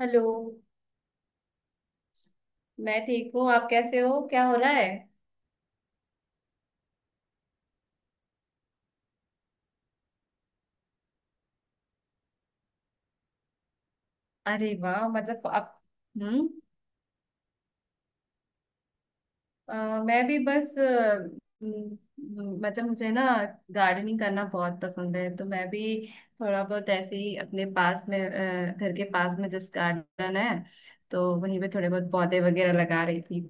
Hello. मैं ठीक हूँ। आप कैसे हो? क्या हो रहा है? अरे वाह, मतलब आप। हम्म। अ, मैं भी बस। मतलब मुझे ना गार्डनिंग करना बहुत पसंद है, तो मैं भी थोड़ा बहुत ऐसे ही अपने पास में घर के पास में जिस गार्डन है, तो वहीं पे थोड़े बहुत पौधे वगैरह लगा रही थी।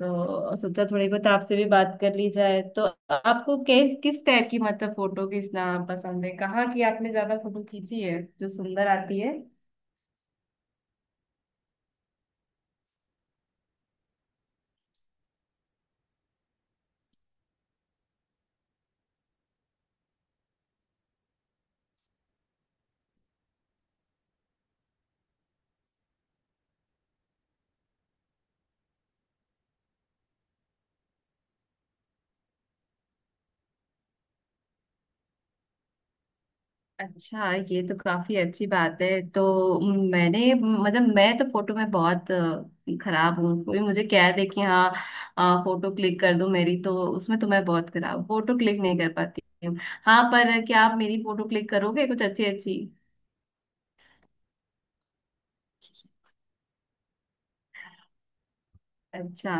तो सोचा थोड़ी बहुत आपसे भी बात कर ली जाए। तो आपको किस किस टाइप की मतलब फोटो खींचना पसंद है? कहाँ की आपने ज्यादा फोटो खींची है जो सुंदर आती है? अच्छा, ये तो काफी अच्छी बात है। तो मैंने मतलब मैं तो फोटो में बहुत खराब हूँ। कोई मुझे कह दे कि हाँ फोटो क्लिक कर दो मेरी, तो उसमें तो मैं बहुत खराब, फोटो क्लिक नहीं कर पाती हूँ। हाँ, पर क्या आप मेरी फोटो क्लिक करोगे कुछ अच्छी अच्छी? अच्छा।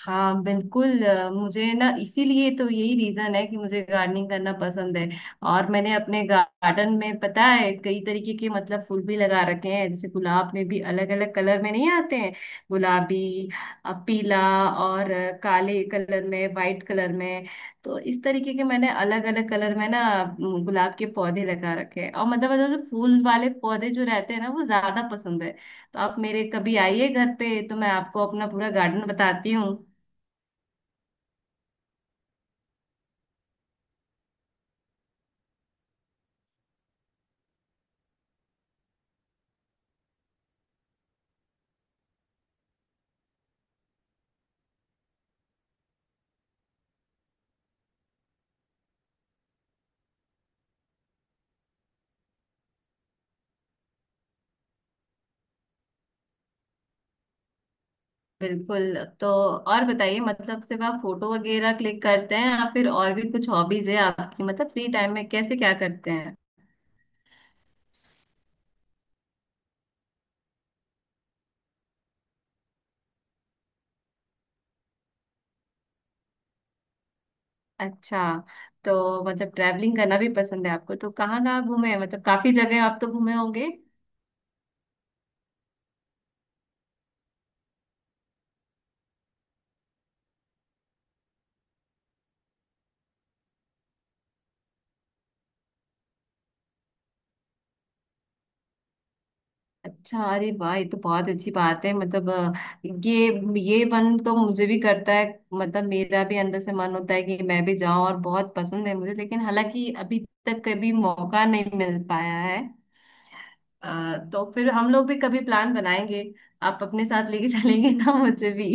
हाँ, बिल्कुल। मुझे ना इसीलिए तो यही रीजन है कि मुझे गार्डनिंग करना पसंद है। और मैंने अपने गार्डन में पता है कई तरीके के मतलब फूल भी लगा रखे हैं। जैसे गुलाब में भी अलग अलग कलर में नहीं आते हैं? गुलाबी, पीला, और काले कलर में, वाइट कलर में। तो इस तरीके के मैंने अलग अलग कलर में ना गुलाब के पौधे लगा रखे हैं। और मतलब जो फूल वाले पौधे जो रहते हैं ना वो ज्यादा पसंद है। तो आप मेरे कभी आइए घर पे, तो मैं आपको अपना पूरा गार्डन बताती हूँ। बिल्कुल। तो और बताइए, मतलब सिर्फ आप फोटो वगैरह क्लिक करते हैं या फिर और भी कुछ हॉबीज है आपकी? मतलब फ्री टाइम में कैसे क्या करते हैं? अच्छा। तो मतलब ट्रैवलिंग करना भी पसंद है आपको? तो कहाँ कहाँ घूमे हैं? मतलब काफी जगह आप तो घूमे होंगे। अच्छा, अरे वाह, ये तो बहुत अच्छी बात है। मतलब ये ये मन तो मुझे भी करता है। मतलब मेरा भी अंदर से मन होता है कि मैं भी जाऊं, और बहुत पसंद है मुझे, लेकिन हालांकि अभी तक कभी मौका नहीं मिल पाया है। तो फिर हम लोग भी कभी प्लान बनाएंगे। आप अपने साथ लेके चलेंगे ना मुझे भी?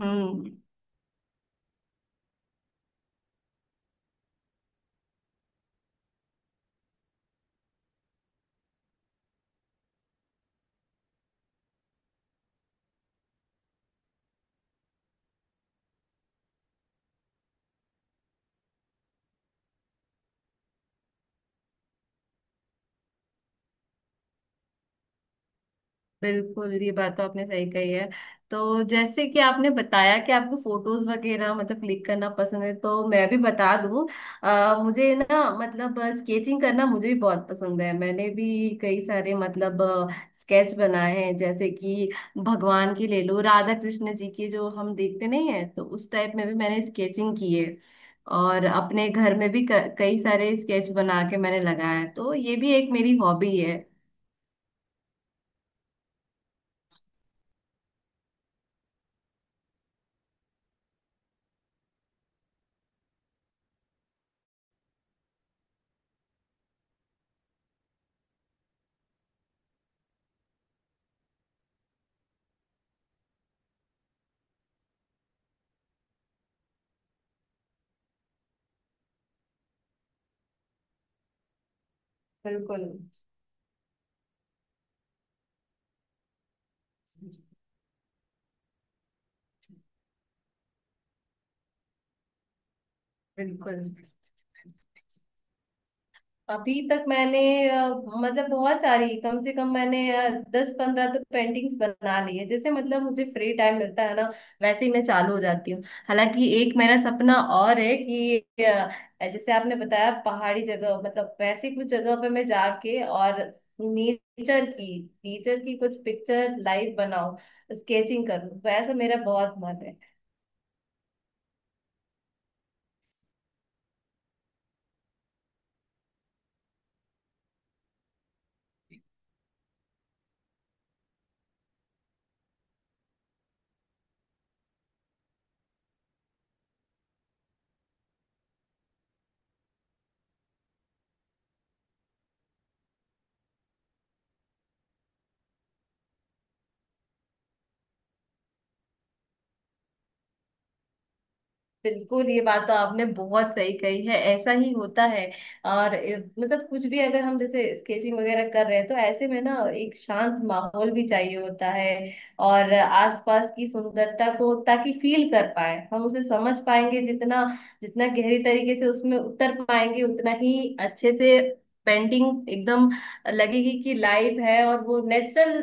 हम्म। बिल्कुल, ये बात तो आपने सही कही है। तो जैसे कि आपने बताया कि आपको फोटोज वगैरह मतलब क्लिक करना पसंद है, तो मैं भी बता दूं, मुझे ना मतलब स्केचिंग करना मुझे भी बहुत पसंद है। मैंने भी कई सारे मतलब स्केच बनाए हैं। जैसे कि भगवान की ले लो, राधा कृष्ण जी की, जो हम देखते नहीं है, तो उस टाइप में भी मैंने स्केचिंग की है। और अपने घर में भी कई सारे स्केच बना के मैंने लगाया है। तो ये भी एक मेरी हॉबी है। बिल्कुल बिल्कुल। अभी तक मैंने मतलब बहुत सारी, कम से कम मैंने 10 15 तो पेंटिंग्स बना ली है। जैसे मतलब मुझे फ्री टाइम मिलता है ना, वैसे ही मैं चालू हो जाती हूँ। हालांकि एक मेरा सपना और है कि जैसे आपने बताया पहाड़ी जगह, मतलब वैसी कुछ जगह पे मैं जाके और नेचर की नेचर की कुछ पिक्चर लाइव बनाऊं, स्केचिंग करूं, वैसा मेरा बहुत मन है। बिल्कुल, ये बात तो आपने बहुत सही कही है। ऐसा ही होता है। और मतलब कुछ भी, अगर हम जैसे स्केचिंग वगैरह कर रहे हैं, तो ऐसे में ना एक शांत माहौल भी चाहिए होता है, और आसपास की सुंदरता को ताकि फील कर पाए हम। उसे समझ पाएंगे जितना, जितना गहरी तरीके से उसमें उतर पाएंगे, उतना ही अच्छे से पेंटिंग एकदम लगेगी कि लाइव है, और वो नेचुरल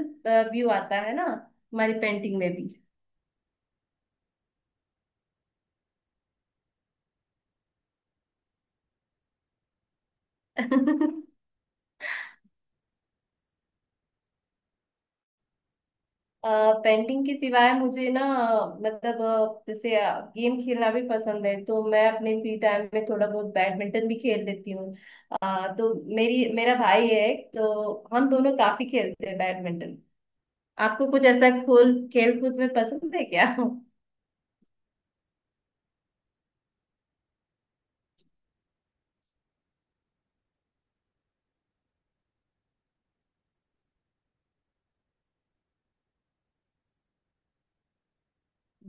व्यू आता है ना हमारी पेंटिंग में। भी पेंटिंग के सिवाय मुझे ना मतलब जैसे गेम खेलना भी पसंद है, तो मैं अपने फ्री टाइम में थोड़ा बहुत बैडमिंटन भी खेल लेती हूँ। तो मेरी मेरा भाई है एक, तो हम दोनों काफी खेलते हैं बैडमिंटन। आपको कुछ ऐसा खोल, खेल कूद में पसंद है क्या?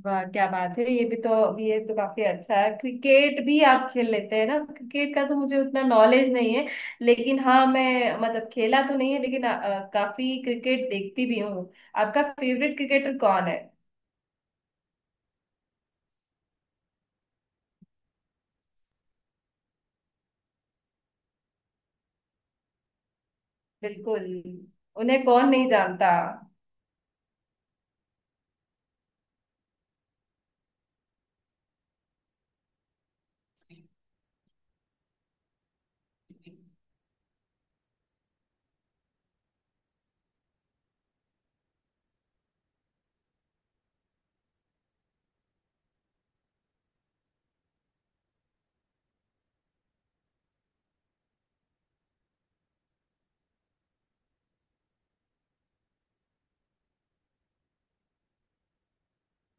वाह, क्या बात है, ये भी तो, ये तो काफी अच्छा है। क्रिकेट भी आप खेल लेते हैं ना? क्रिकेट का तो मुझे उतना नॉलेज नहीं है, लेकिन हाँ, मैं मतलब खेला तो नहीं है, लेकिन काफी क्रिकेट देखती भी हूँ। आपका फेवरेट क्रिकेटर कौन है? बिल्कुल, उन्हें कौन नहीं जानता।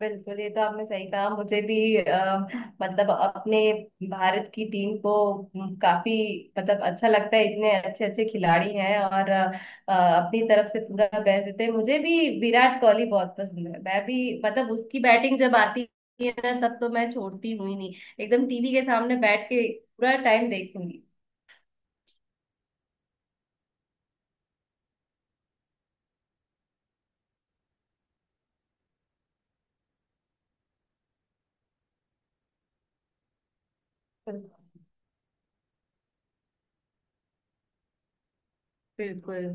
बिल्कुल, ये तो आपने सही कहा। मुझे भी मतलब अपने भारत की टीम को काफी मतलब अच्छा लगता है। इतने अच्छे अच्छे खिलाड़ी हैं, और अपनी तरफ से पूरा बेस्ट देते हैं। मुझे भी विराट कोहली बहुत पसंद है। मैं भी मतलब उसकी बैटिंग जब आती है ना, तब तो मैं छोड़ती हुई नहीं, एकदम टीवी के सामने बैठ के पूरा टाइम देखूंगी। बिल्कुल बिल्कुल।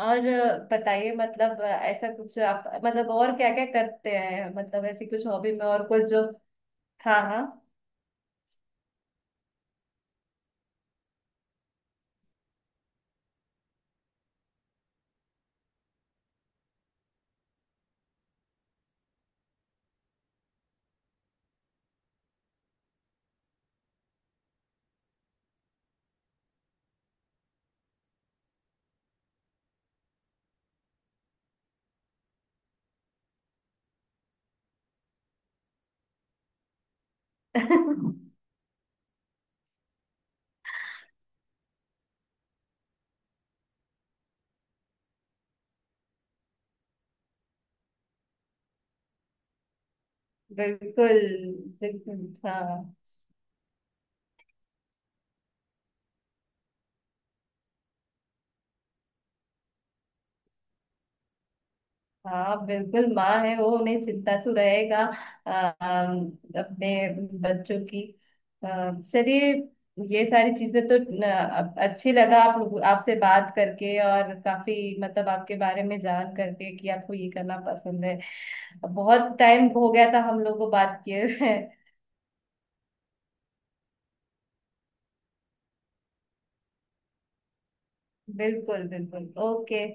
और बताइए, मतलब ऐसा कुछ आप मतलब और क्या क्या करते हैं? मतलब ऐसी कुछ हॉबी में और कुछ जो। हाँ हाँ। बिल्कुल बिल्कुल। हाँ हाँ, बिल्कुल, माँ है वो, उन्हें चिंता तो रहेगा अम, अपने बच्चों की। चलिए, ये सारी चीजें तो न, अच्छी लगा आप लोग, आपसे बात करके, और काफी मतलब आपके बारे में जान करके कि आपको ये करना पसंद है। बहुत टाइम हो गया था हम लोग को बात किए हुए। बिल्कुल बिल्कुल, ओके।